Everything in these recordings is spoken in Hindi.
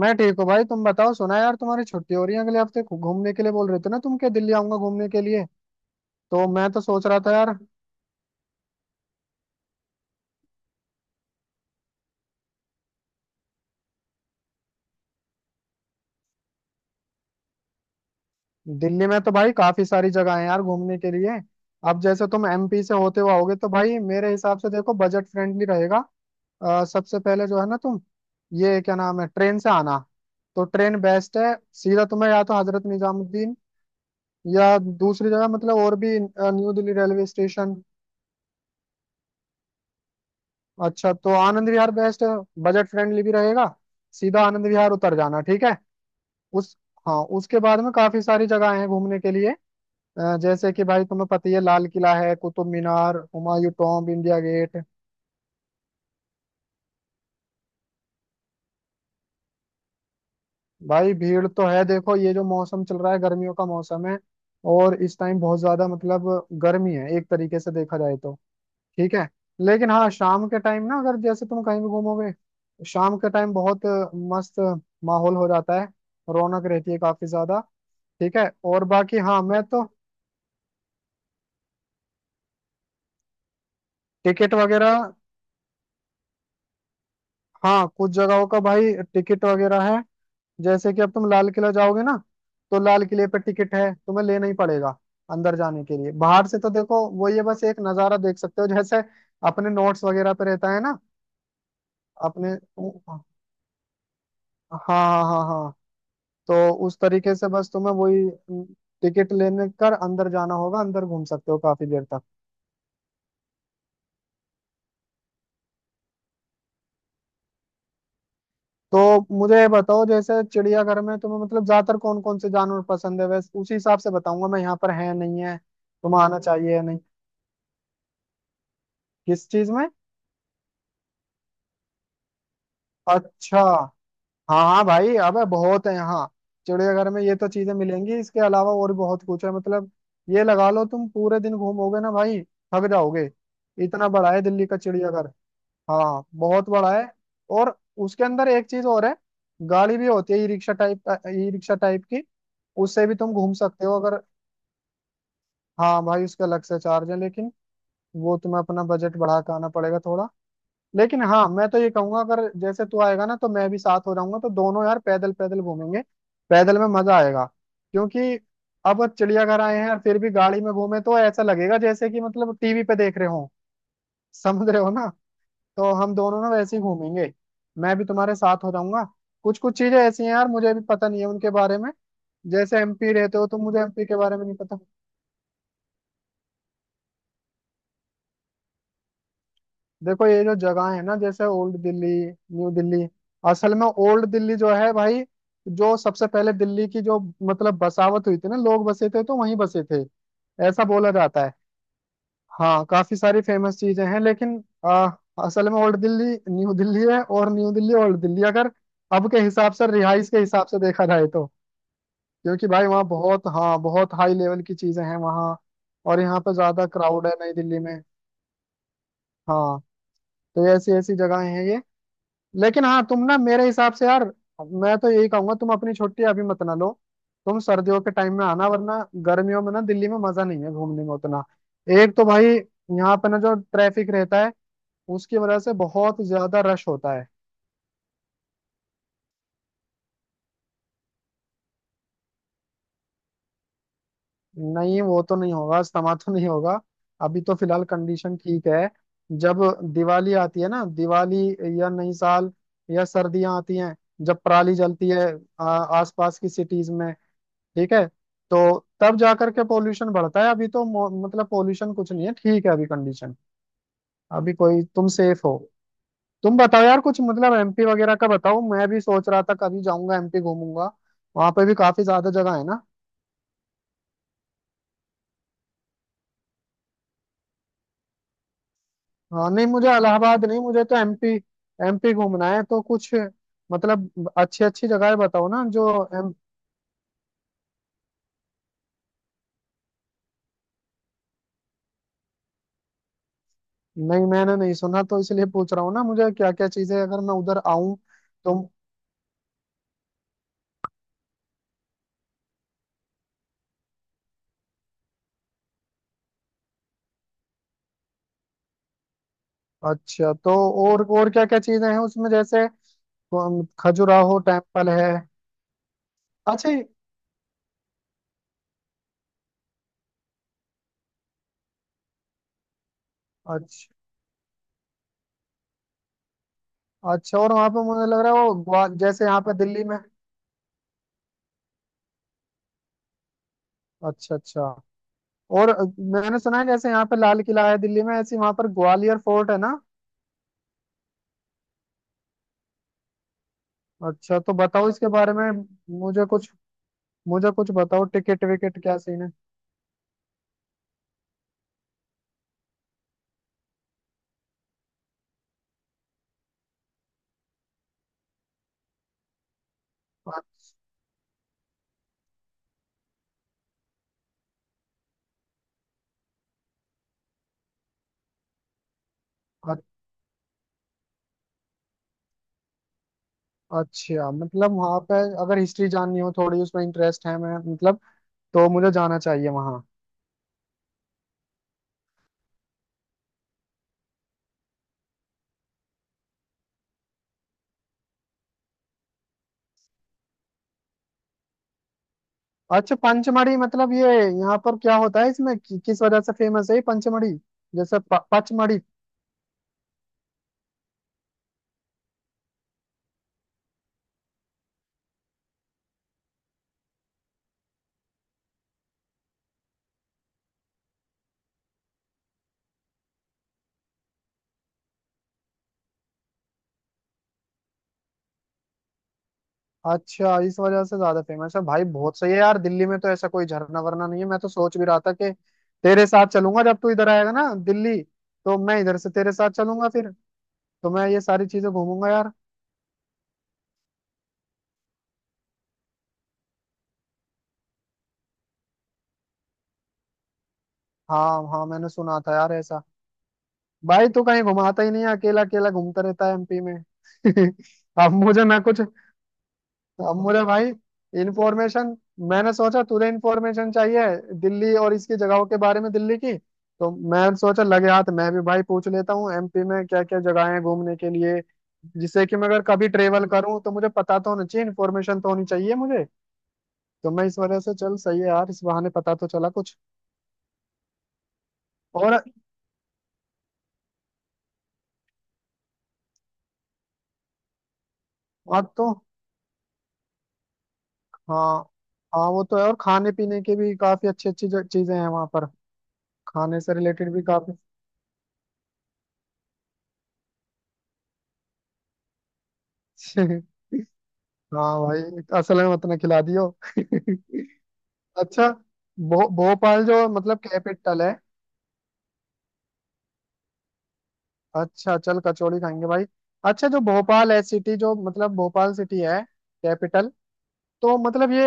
मैं ठीक हूँ भाई तुम बताओ। सुना यार तुम्हारी छुट्टी हो रही है अगले हफ्ते, घूमने के लिए बोल रहे थे ना तुम? क्या दिल्ली आऊंगा घूमने के लिए? तो मैं तो सोच रहा था यार। दिल्ली में तो भाई काफी सारी जगह है यार घूमने के लिए। अब जैसे तुम एमपी से होते हुए आओगे तो भाई मेरे हिसाब से देखो, बजट फ्रेंडली रहेगा। सबसे पहले जो है ना तुम, ये क्या नाम है, ट्रेन से आना, तो ट्रेन बेस्ट है। सीधा तुम्हें या तो हजरत निजामुद्दीन, या दूसरी जगह मतलब, और भी न्यू दिल्ली रेलवे स्टेशन। अच्छा तो आनंद विहार बेस्ट है, बजट फ्रेंडली भी रहेगा। सीधा आनंद विहार उतर जाना, ठीक है। उस, हाँ उसके बाद में काफी सारी जगह हैं घूमने के लिए। जैसे कि भाई तुम्हें पता ही है, लाल किला है, Qutub Minar, Humayun Tomb, India Gate. भाई भीड़ तो है, देखो ये जो मौसम चल रहा है, गर्मियों का मौसम है, और इस टाइम बहुत ज्यादा मतलब गर्मी है, एक तरीके से देखा जाए तो। ठीक है। लेकिन हाँ, शाम के टाइम ना अगर जैसे तुम कहीं भी घूमोगे, शाम के टाइम बहुत मस्त माहौल हो जाता है, रौनक रहती है काफी ज्यादा। ठीक है। और बाकी हाँ मैं तो, टिकट वगैरह, हाँ कुछ जगहों का भाई टिकट वगैरह है। जैसे कि अब तुम लाल किला जाओगे ना, तो लाल किले पे टिकट है, तुम्हें लेना ही पड़ेगा अंदर जाने के लिए। बाहर से तो देखो, वो ये बस एक नज़ारा देख सकते हो, जैसे अपने नोट्स वगैरह पे रहता है ना अपने। हाँ हाँ हाँ हाँ हाँ। तो उस तरीके से बस तुम्हें वही टिकट लेने कर अंदर जाना होगा, अंदर घूम सकते हो काफी देर तक। तो मुझे ये बताओ, जैसे चिड़ियाघर में तुम्हें मतलब ज्यादातर कौन कौन से जानवर पसंद है, वैसे उसी हिसाब से बताऊंगा मैं, यहाँ पर है नहीं है, तुम्हें आना चाहिए या नहीं। किस चीज में? अच्छा। हाँ हाँ भाई, अबे बहुत है यहाँ। चिड़ियाघर में ये तो चीजें मिलेंगी, इसके अलावा और भी बहुत कुछ है मतलब। ये लगा लो तुम पूरे दिन घूमोगे ना भाई, थक जाओगे, इतना बड़ा है दिल्ली का चिड़ियाघर। हाँ बहुत बड़ा है। और उसके अंदर एक चीज और है, गाड़ी भी होती है, e rickshaw type, e rickshaw type की। उससे भी तुम घूम सकते हो अगर। हाँ भाई उसका अलग से चार्ज है, लेकिन वो तुम्हें अपना बजट बढ़ा के आना पड़ेगा थोड़ा। लेकिन हाँ मैं तो ये कहूंगा, अगर जैसे तू आएगा ना तो मैं भी साथ हो जाऊंगा, तो दोनों यार पैदल पैदल घूमेंगे। पैदल में मजा आएगा। क्योंकि अब चिड़ियाघर आए हैं और फिर भी गाड़ी में घूमे तो ऐसा लगेगा जैसे कि मतलब टीवी पे देख रहे हो। समझ रहे हो ना। तो हम दोनों ना वैसे ही घूमेंगे, मैं भी तुम्हारे साथ हो जाऊंगा। कुछ कुछ चीजें ऐसी हैं यार, मुझे भी पता नहीं है उनके बारे में। जैसे एमपी रहते हो, तो मुझे एमपी के बारे में नहीं पता। देखो ये जो जगह है ना जैसे ओल्ड दिल्ली न्यू दिल्ली, असल में ओल्ड दिल्ली जो है भाई, जो सबसे पहले दिल्ली की जो मतलब बसावट हुई थी ना, लोग बसे थे तो वहीं बसे थे, ऐसा बोला जाता है। हाँ काफी सारी फेमस चीजें हैं, लेकिन असल में ओल्ड दिल्ली न्यू दिल्ली है, और न्यू दिल्ली ओल्ड दिल्ली, अगर अब के हिसाब से, रिहाइश के हिसाब से देखा जाए तो। क्योंकि भाई वहाँ बहुत, हाँ बहुत हाई लेवल की चीजें हैं वहाँ। और यहाँ पे ज्यादा क्राउड है नई दिल्ली में। हाँ। तो ऐसी ऐसी जगहें हैं ये। लेकिन हाँ तुम ना मेरे हिसाब से यार, मैं तो यही कहूंगा तुम अपनी छुट्टी अभी मत ना लो, तुम सर्दियों के टाइम में आना, वरना गर्मियों में ना दिल्ली में मजा नहीं है घूमने में उतना। एक तो भाई यहाँ पे ना जो ट्रैफिक रहता है, उसकी वजह से बहुत ज्यादा रश होता है। नहीं वो तो नहीं होगा, इस्तेमाल तो नहीं होगा। अभी तो फिलहाल कंडीशन ठीक है। जब दिवाली आती है ना, दिवाली या नई साल या सर्दियां आती हैं, जब पराली जलती है आसपास की सिटीज में, ठीक है, तो तब जाकर के पोल्यूशन बढ़ता है। अभी तो मतलब पोल्यूशन कुछ नहीं है, ठीक है, अभी कंडीशन, अभी कोई तुम सेफ हो। तुम बताओ यार कुछ, मतलब एमपी वगैरह का बताओ, मैं भी सोच रहा था कभी जाऊंगा एमपी घूमूंगा। वहां पे भी काफी ज्यादा जगह है ना। हाँ नहीं, मुझे इलाहाबाद नहीं, मुझे तो एमपी, एमपी घूमना है तो कुछ मतलब अच्छी अच्छी जगह बताओ ना जो। एम नहीं मैंने नहीं सुना, तो इसलिए पूछ रहा हूँ ना, मुझे क्या क्या चीजें अगर मैं उधर आऊं तो। अच्छा। तो और क्या क्या चीजें हैं उसमें, जैसे खजुराहो टेम्पल है। अच्छा। अच्छा अच्छा। और वहाँ पे मुझे लग रहा है वो ग्वा जैसे यहाँ पे दिल्ली में। अच्छा अच्छा। और मैंने सुना है जैसे यहाँ पे लाल किला है दिल्ली में, ऐसे वहाँ पर ग्वालियर फोर्ट है ना। अच्छा तो बताओ इसके बारे में, मुझे कुछ, मुझे कुछ बताओ, टिकट विकेट क्या सीन है। अ- अ- अच्छा मतलब वहां पे, अगर हिस्ट्री जाननी हो थोड़ी उसमें इंटरेस्ट है मैं मतलब, तो मुझे जाना चाहिए वहां। अच्छा पंचमढ़ी मतलब, ये यहाँ पर क्या होता है इसमें कि, किस वजह से फेमस है ये पंचमढ़ी, जैसे पचमढ़ी। अच्छा इस वजह से ज्यादा फेमस है भाई, बहुत सही है यार, दिल्ली में तो ऐसा कोई झरना वरना नहीं है, मैं तो सोच भी रहा था कि तेरे साथ चलूंगा जब तू इधर आएगा ना दिल्ली, तो मैं इधर से तेरे साथ चलूंगा फिर, तो मैं ये सारी चीजें घूमूंगा यार। हाँ हाँ मैंने सुना था यार ऐसा। भाई तू कहीं घुमाता ही नहीं है, अकेला अकेला घूमता रहता है एमपी में। अब मुझे ना कुछ, अब मुझे भाई इंफॉर्मेशन, मैंने सोचा तुझे इंफॉर्मेशन चाहिए दिल्ली और इसकी जगहों के बारे में दिल्ली की, तो मैं सोचा लगे हाथ मैं भी भाई पूछ लेता हूँ एमपी में क्या क्या जगह है घूमने के लिए, जिससे कि मैं अगर कभी ट्रेवल करूँ तो मुझे पता तो होना चाहिए, इन्फॉर्मेशन तो होनी चाहिए मुझे, तो मैं इस वजह से, चल सही है यार, इस बहाने पता तो चला कुछ। और और तो, हाँ, हाँ वो तो है, और खाने पीने के भी काफी अच्छी अच्छी चीजें हैं वहां पर, खाने से रिलेटेड भी काफी। हाँ भाई, असल में मत ना खिला दियो। अच्छा भोपाल जो मतलब कैपिटल है, अच्छा चल कचौड़ी खाएंगे भाई। अच्छा जो भोपाल है सिटी, जो मतलब भोपाल सिटी है, कैपिटल, तो मतलब ये,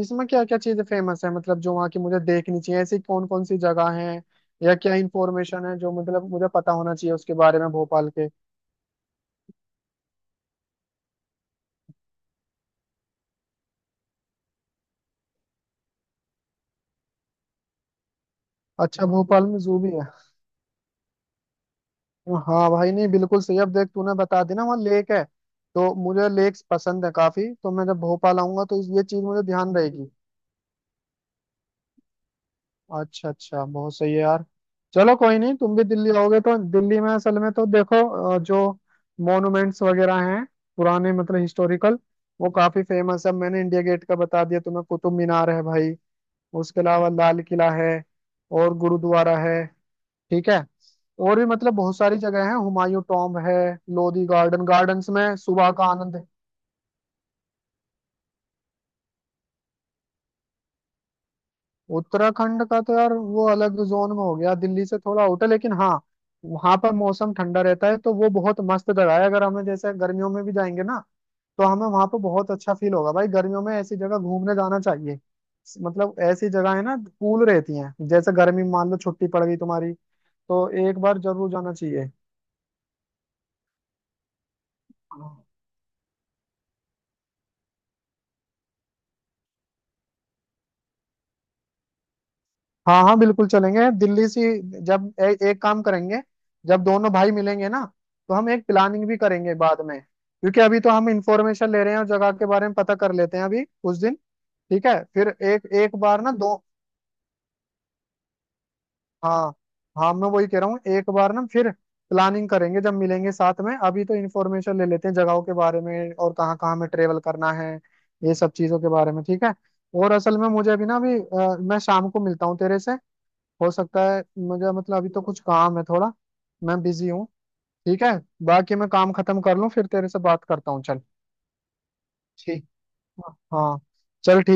इसमें क्या क्या चीजें फेमस है, मतलब जो वहाँ की मुझे देखनी चाहिए, ऐसी कौन कौन सी जगह है, या क्या इंफॉर्मेशन है जो मतलब मुझे पता होना चाहिए उसके बारे में, भोपाल के। अच्छा भोपाल में जू भी है। हाँ भाई, नहीं बिल्कुल सही, अब देख तूने बता दी ना वहाँ लेक है, तो मुझे लेक्स पसंद है काफी, तो मैं जब भोपाल आऊंगा तो ये चीज मुझे ध्यान रहेगी। अच्छा अच्छा, बहुत सही है यार। चलो कोई नहीं, तुम भी दिल्ली आओगे तो दिल्ली में असल में तो देखो, जो मॉन्यूमेंट्स वगैरह हैं पुराने, मतलब हिस्टोरिकल, वो काफी फेमस है। मैंने इंडिया गेट का बता दिया तुम्हें, कुतुब मीनार है भाई, उसके अलावा लाल किला है, और गुरुद्वारा है, ठीक है, और भी मतलब बहुत सारी जगह है, हुमायूं टॉम्ब है, लोधी गार्डन, गार्डन्स में सुबह का आनंद है। उत्तराखंड का तो यार वो अलग जोन में हो गया, दिल्ली से थोड़ा आउट है, लेकिन हाँ वहां पर मौसम ठंडा रहता है, तो वो बहुत मस्त जगह है, अगर हमें जैसे गर्मियों में भी जाएंगे ना तो हमें वहां पर बहुत अच्छा फील होगा। भाई गर्मियों में ऐसी जगह घूमने जाना चाहिए, मतलब ऐसी जगह है ना कूल रहती हैं, जैसे गर्मी में मान लो छुट्टी पड़ गई तुम्हारी, तो एक बार जरूर जाना चाहिए। हाँ हाँ बिल्कुल चलेंगे दिल्ली से। जब एक काम करेंगे, जब दोनों भाई मिलेंगे ना तो हम एक प्लानिंग भी करेंगे बाद में, क्योंकि अभी तो हम इंफॉर्मेशन ले रहे हैं, और जगह के बारे में पता कर लेते हैं अभी उस दिन। ठीक है फिर, एक एक बार ना दो, हाँ हाँ मैं वही कह रहा हूँ, एक बार ना फिर प्लानिंग करेंगे जब मिलेंगे साथ में, अभी तो इंफॉर्मेशन ले लेते हैं जगहों के बारे में, और कहाँ कहाँ हमें ट्रेवल करना है, ये सब चीज़ों के बारे में, ठीक है। और असल में मुझे अभी ना, अभी मैं शाम को मिलता हूँ तेरे से, हो सकता है, मुझे मतलब अभी तो कुछ काम है थोड़ा, मैं बिजी हूँ। ठीक है, बाकी मैं काम खत्म कर लूँ फिर तेरे से बात करता हूँ, चल ठीक। हाँ चल।